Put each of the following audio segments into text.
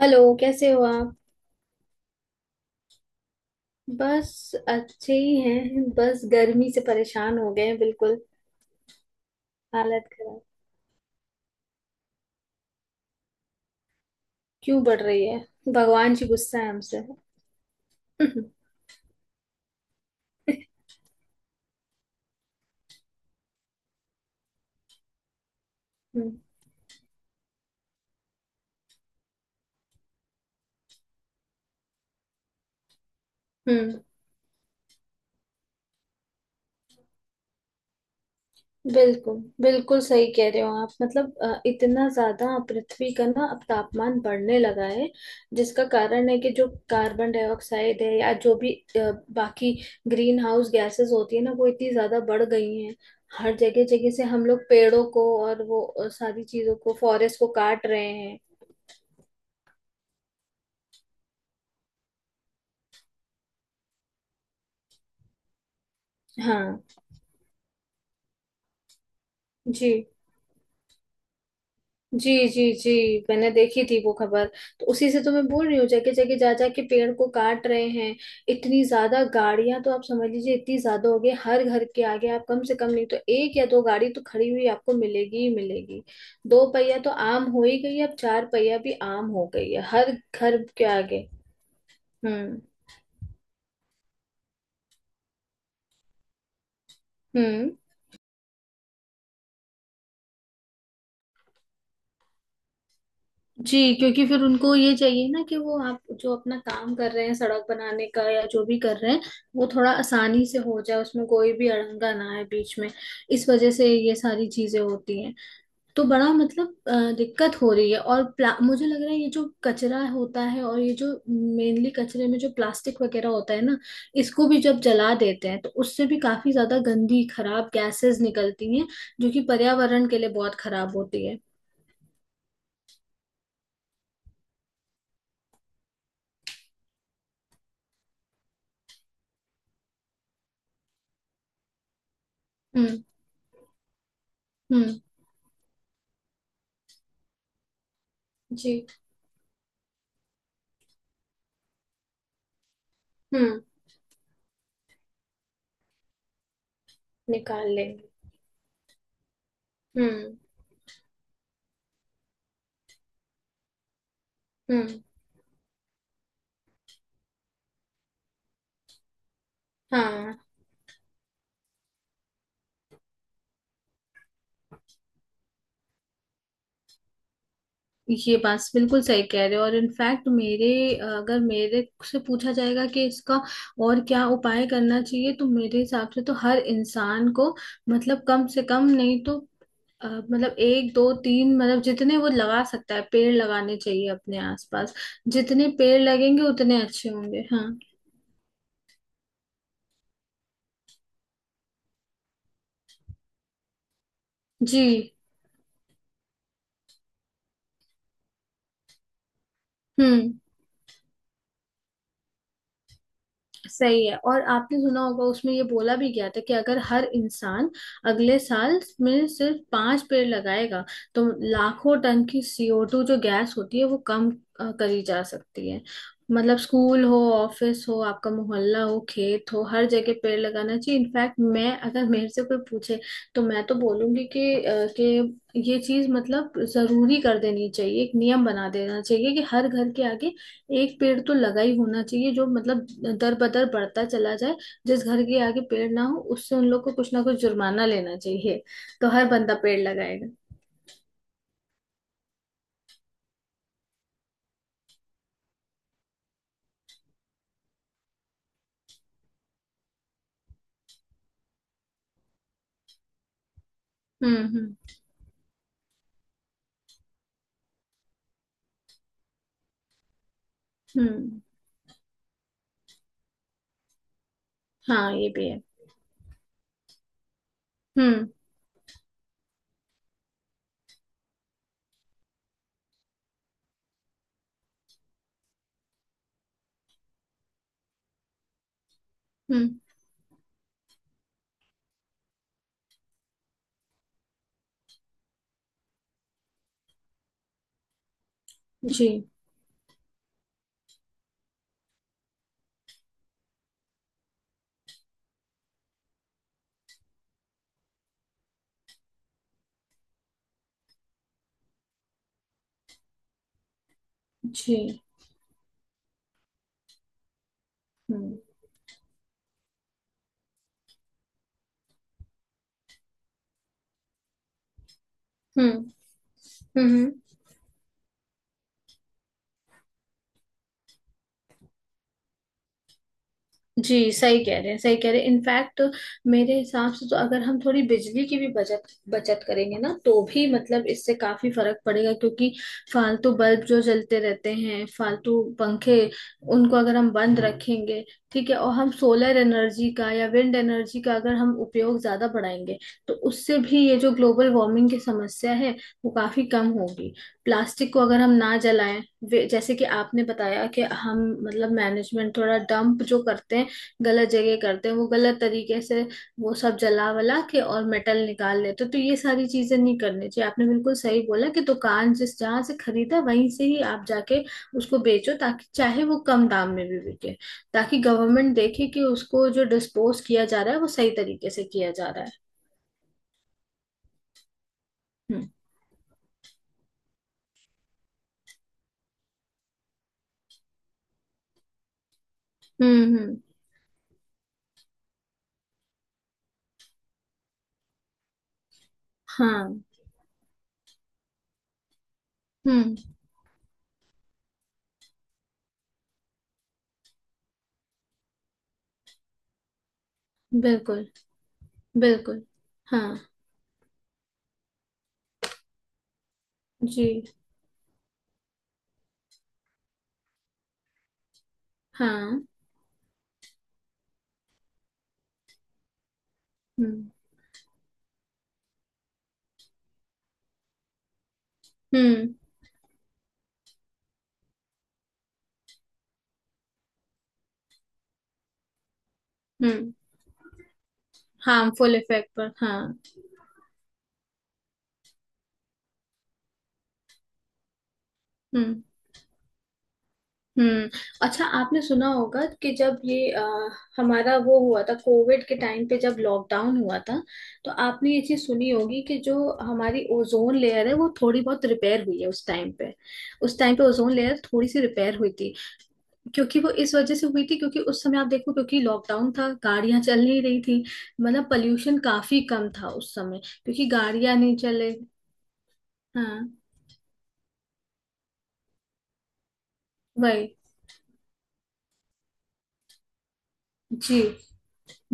Hello कैसे हो आप। बस अच्छे ही हैं, बस गर्मी से परेशान हो गए हैं। बिल्कुल। हालत खराब। क्यों बढ़ रही है? भगवान जी गुस्सा है हमसे। हम्म। हम्म। बिल्कुल बिल्कुल सही कह रहे हो आप। मतलब इतना ज्यादा पृथ्वी का ना अब तापमान बढ़ने लगा है, जिसका कारण है कि जो कार्बन डाइऑक्साइड है या जो भी बाकी ग्रीन हाउस गैसेस होती है ना, वो इतनी ज्यादा बढ़ गई हैं। हर जगह जगह से हम लोग पेड़ों को और वो सारी चीजों को, फॉरेस्ट को काट रहे हैं। हाँ। जी। जी जी जी। मैंने देखी थी वो खबर। तो उसी से तो मैं बोल रही हूँ, जगह जगह जा जा के पेड़ को काट रहे हैं। इतनी ज्यादा गाड़ियां तो आप समझ लीजिए, इतनी ज्यादा हो गई, हर घर के आगे आप कम से कम नहीं तो एक या दो गाड़ी तो खड़ी हुई आपको मिलेगी ही मिलेगी। दो पहिया तो आम हो ही गई, अब चार पहिया भी आम हो गई है हर घर के आगे। हम्म। हम्म। जी, क्योंकि फिर उनको ये चाहिए ना कि वो आप जो अपना काम कर रहे हैं सड़क बनाने का या जो भी कर रहे हैं, वो थोड़ा आसानी से हो जाए, उसमें कोई भी अड़ंगा ना आए बीच में। इस वजह से ये सारी चीजें होती हैं। तो बड़ा मतलब दिक्कत हो रही है। और मुझे लग रहा है ये जो कचरा होता है और ये जो मेनली कचरे में जो प्लास्टिक वगैरह होता है ना, इसको भी जब जला देते हैं तो उससे भी काफी ज्यादा गंदी खराब गैसेस निकलती हैं जो कि पर्यावरण के लिए बहुत खराब होती है। हम्म। हम्म। जी। हम्म। निकाल लेंगे। हम्म। हम्म। हाँ। ये बात बिल्कुल सही कह रहे हो। और इनफैक्ट मेरे, अगर मेरे से पूछा जाएगा कि इसका और क्या उपाय करना चाहिए, तो मेरे हिसाब से तो हर इंसान को मतलब कम से कम नहीं तो मतलब एक दो तीन मतलब जितने वो लगा सकता है पेड़ लगाने चाहिए अपने आसपास। जितने पेड़ लगेंगे उतने अच्छे होंगे। हाँ। जी। हम्म। सही है। और आपने सुना होगा उसमें ये बोला भी गया था कि अगर हर इंसान अगले साल में सिर्फ पांच पेड़ लगाएगा तो लाखों टन की CO2 जो गैस होती है वो कम करी जा सकती है। मतलब स्कूल हो, ऑफिस हो, आपका मोहल्ला हो, खेत हो, हर जगह पेड़ लगाना चाहिए। इनफैक्ट मैं अगर मेरे से कोई पूछे तो मैं तो बोलूंगी कि ये चीज मतलब जरूरी कर देनी चाहिए, एक नियम बना देना चाहिए कि हर घर के आगे एक पेड़ तो लगा ही होना चाहिए, जो मतलब दर बदर बढ़ता चला जाए। जिस घर के आगे पेड़ ना हो उससे उन लोग को कुछ ना कुछ जुर्माना लेना चाहिए, तो हर बंदा पेड़ लगाएगा। हम्म। हम्म। हम्म। हाँ, ये भी है। हम्म। हम्म। जी। जी। हम्म। हम्म। हम्म। हम्म। जी, सही कह रहे हैं सही कह रहे हैं। इनफैक्ट मेरे हिसाब से तो अगर हम थोड़ी बिजली की भी बचत बचत करेंगे ना तो भी मतलब इससे काफी फर्क पड़ेगा, क्योंकि फालतू बल्ब जो जलते रहते हैं, फालतू पंखे, उनको अगर हम बंद रखेंगे, ठीक है। और हम सोलर एनर्जी का या विंड एनर्जी का अगर हम उपयोग ज्यादा बढ़ाएंगे तो उससे भी ये जो ग्लोबल वार्मिंग की समस्या है वो काफी कम होगी। प्लास्टिक को अगर हम ना जलाएं, जैसे कि आपने बताया कि हम मतलब मैनेजमेंट थोड़ा डंप जो करते हैं, गलत जगह करते हैं, वो गलत तरीके से, वो सब जला वला के और मेटल निकाल लेते हैं। तो ये सारी चीजें नहीं करनी चाहिए। आपने बिल्कुल सही बोला कि दुकान जिस जहां से खरीदा वहीं से ही आप जाके उसको बेचो, ताकि चाहे वो कम दाम में भी बिके, ताकि गवर्नमेंट देखे कि उसको जो डिस्पोज किया जा रहा है वो सही तरीके से किया जा रहा है। हम्म। हम्म। हम्म। हाँ। हम्म। बिल्कुल। बिल्कुल। हाँ। जी। हाँ। हम्म। हम्म। हम्म। हार्मफुल इफेक्ट पर। हाँ। हम्म। हम्म। अच्छा, आपने सुना होगा कि जब ये हमारा वो हुआ था, कोविड के टाइम पे जब लॉकडाउन हुआ था, तो आपने ये चीज सुनी होगी कि जो हमारी ओजोन लेयर है वो थोड़ी बहुत रिपेयर हुई है उस टाइम पे। उस टाइम पे ओजोन लेयर थोड़ी सी रिपेयर हुई थी। क्योंकि वो इस वजह से हुई थी क्योंकि उस समय आप देखो, क्योंकि लॉकडाउन था, गाड़ियां चल नहीं रही थी, मतलब पॉल्यूशन काफी कम था उस समय, क्योंकि गाड़ियां नहीं चले। हाँ। वही। जी।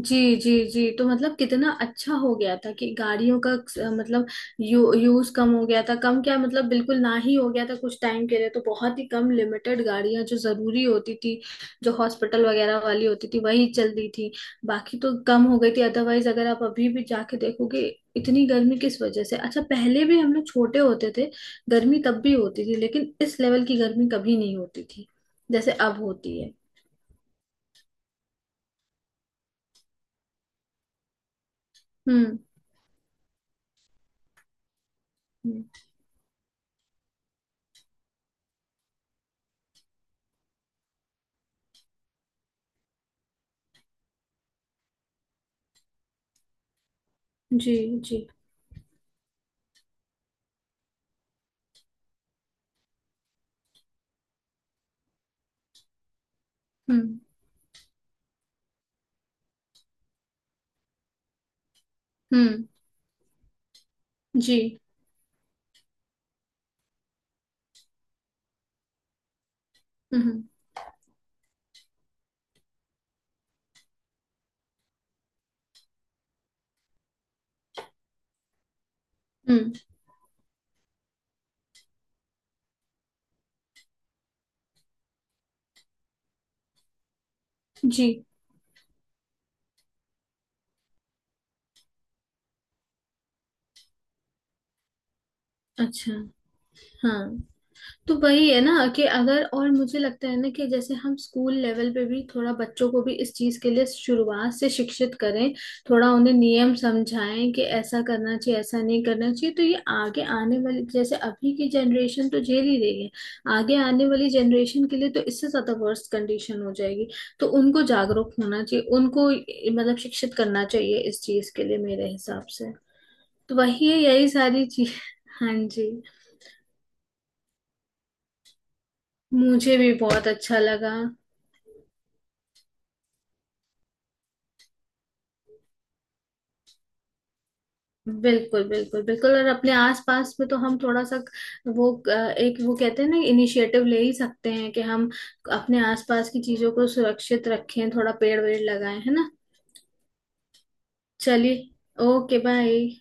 जी। जी। जी। तो मतलब कितना अच्छा हो गया था कि गाड़ियों का मतलब यूज कम हो गया था, कम क्या मतलब बिल्कुल ना ही हो गया था कुछ टाइम के लिए, तो बहुत ही कम लिमिटेड गाड़ियां जो जरूरी होती थी, जो हॉस्पिटल वगैरह वाली होती थी वही चलती थी, बाकी तो कम हो गई थी। अदरवाइज अगर आप अभी भी जाके देखोगे इतनी गर्मी किस वजह से। अच्छा, पहले भी हम लोग छोटे होते थे, गर्मी तब भी होती थी, लेकिन इस लेवल की गर्मी कभी नहीं होती थी जैसे अब होती है। हम्म। हम्म। जी। जी। हम्म। हम्म। जी। हम्म। हम्म। जी। अच्छा। हाँ। तो वही है ना, कि अगर, और मुझे लगता है ना कि जैसे हम स्कूल लेवल पे भी थोड़ा बच्चों को भी इस चीज के लिए शुरुआत से शिक्षित करें, थोड़ा उन्हें नियम समझाएं कि ऐसा करना चाहिए ऐसा नहीं करना चाहिए, तो ये आगे आने वाली, जैसे अभी की जनरेशन तो झेल ही रही है, आगे आने वाली जनरेशन के लिए तो इससे ज्यादा वर्स्ट कंडीशन हो जाएगी। तो उनको जागरूक होना चाहिए, उनको मतलब शिक्षित करना चाहिए इस चीज के लिए मेरे हिसाब से। तो वही है, यही सारी चीज। हाँ जी। मुझे भी बहुत अच्छा लगा। बिल्कुल बिल्कुल बिल्कुल। और अपने आसपास में तो हम थोड़ा सा वो एक वो कहते हैं ना, इनिशिएटिव ले ही सकते हैं कि हम अपने आसपास की चीजों को सुरक्षित रखें, थोड़ा पेड़ वेड़ लगाएं, है ना। चलिए। Okay bye.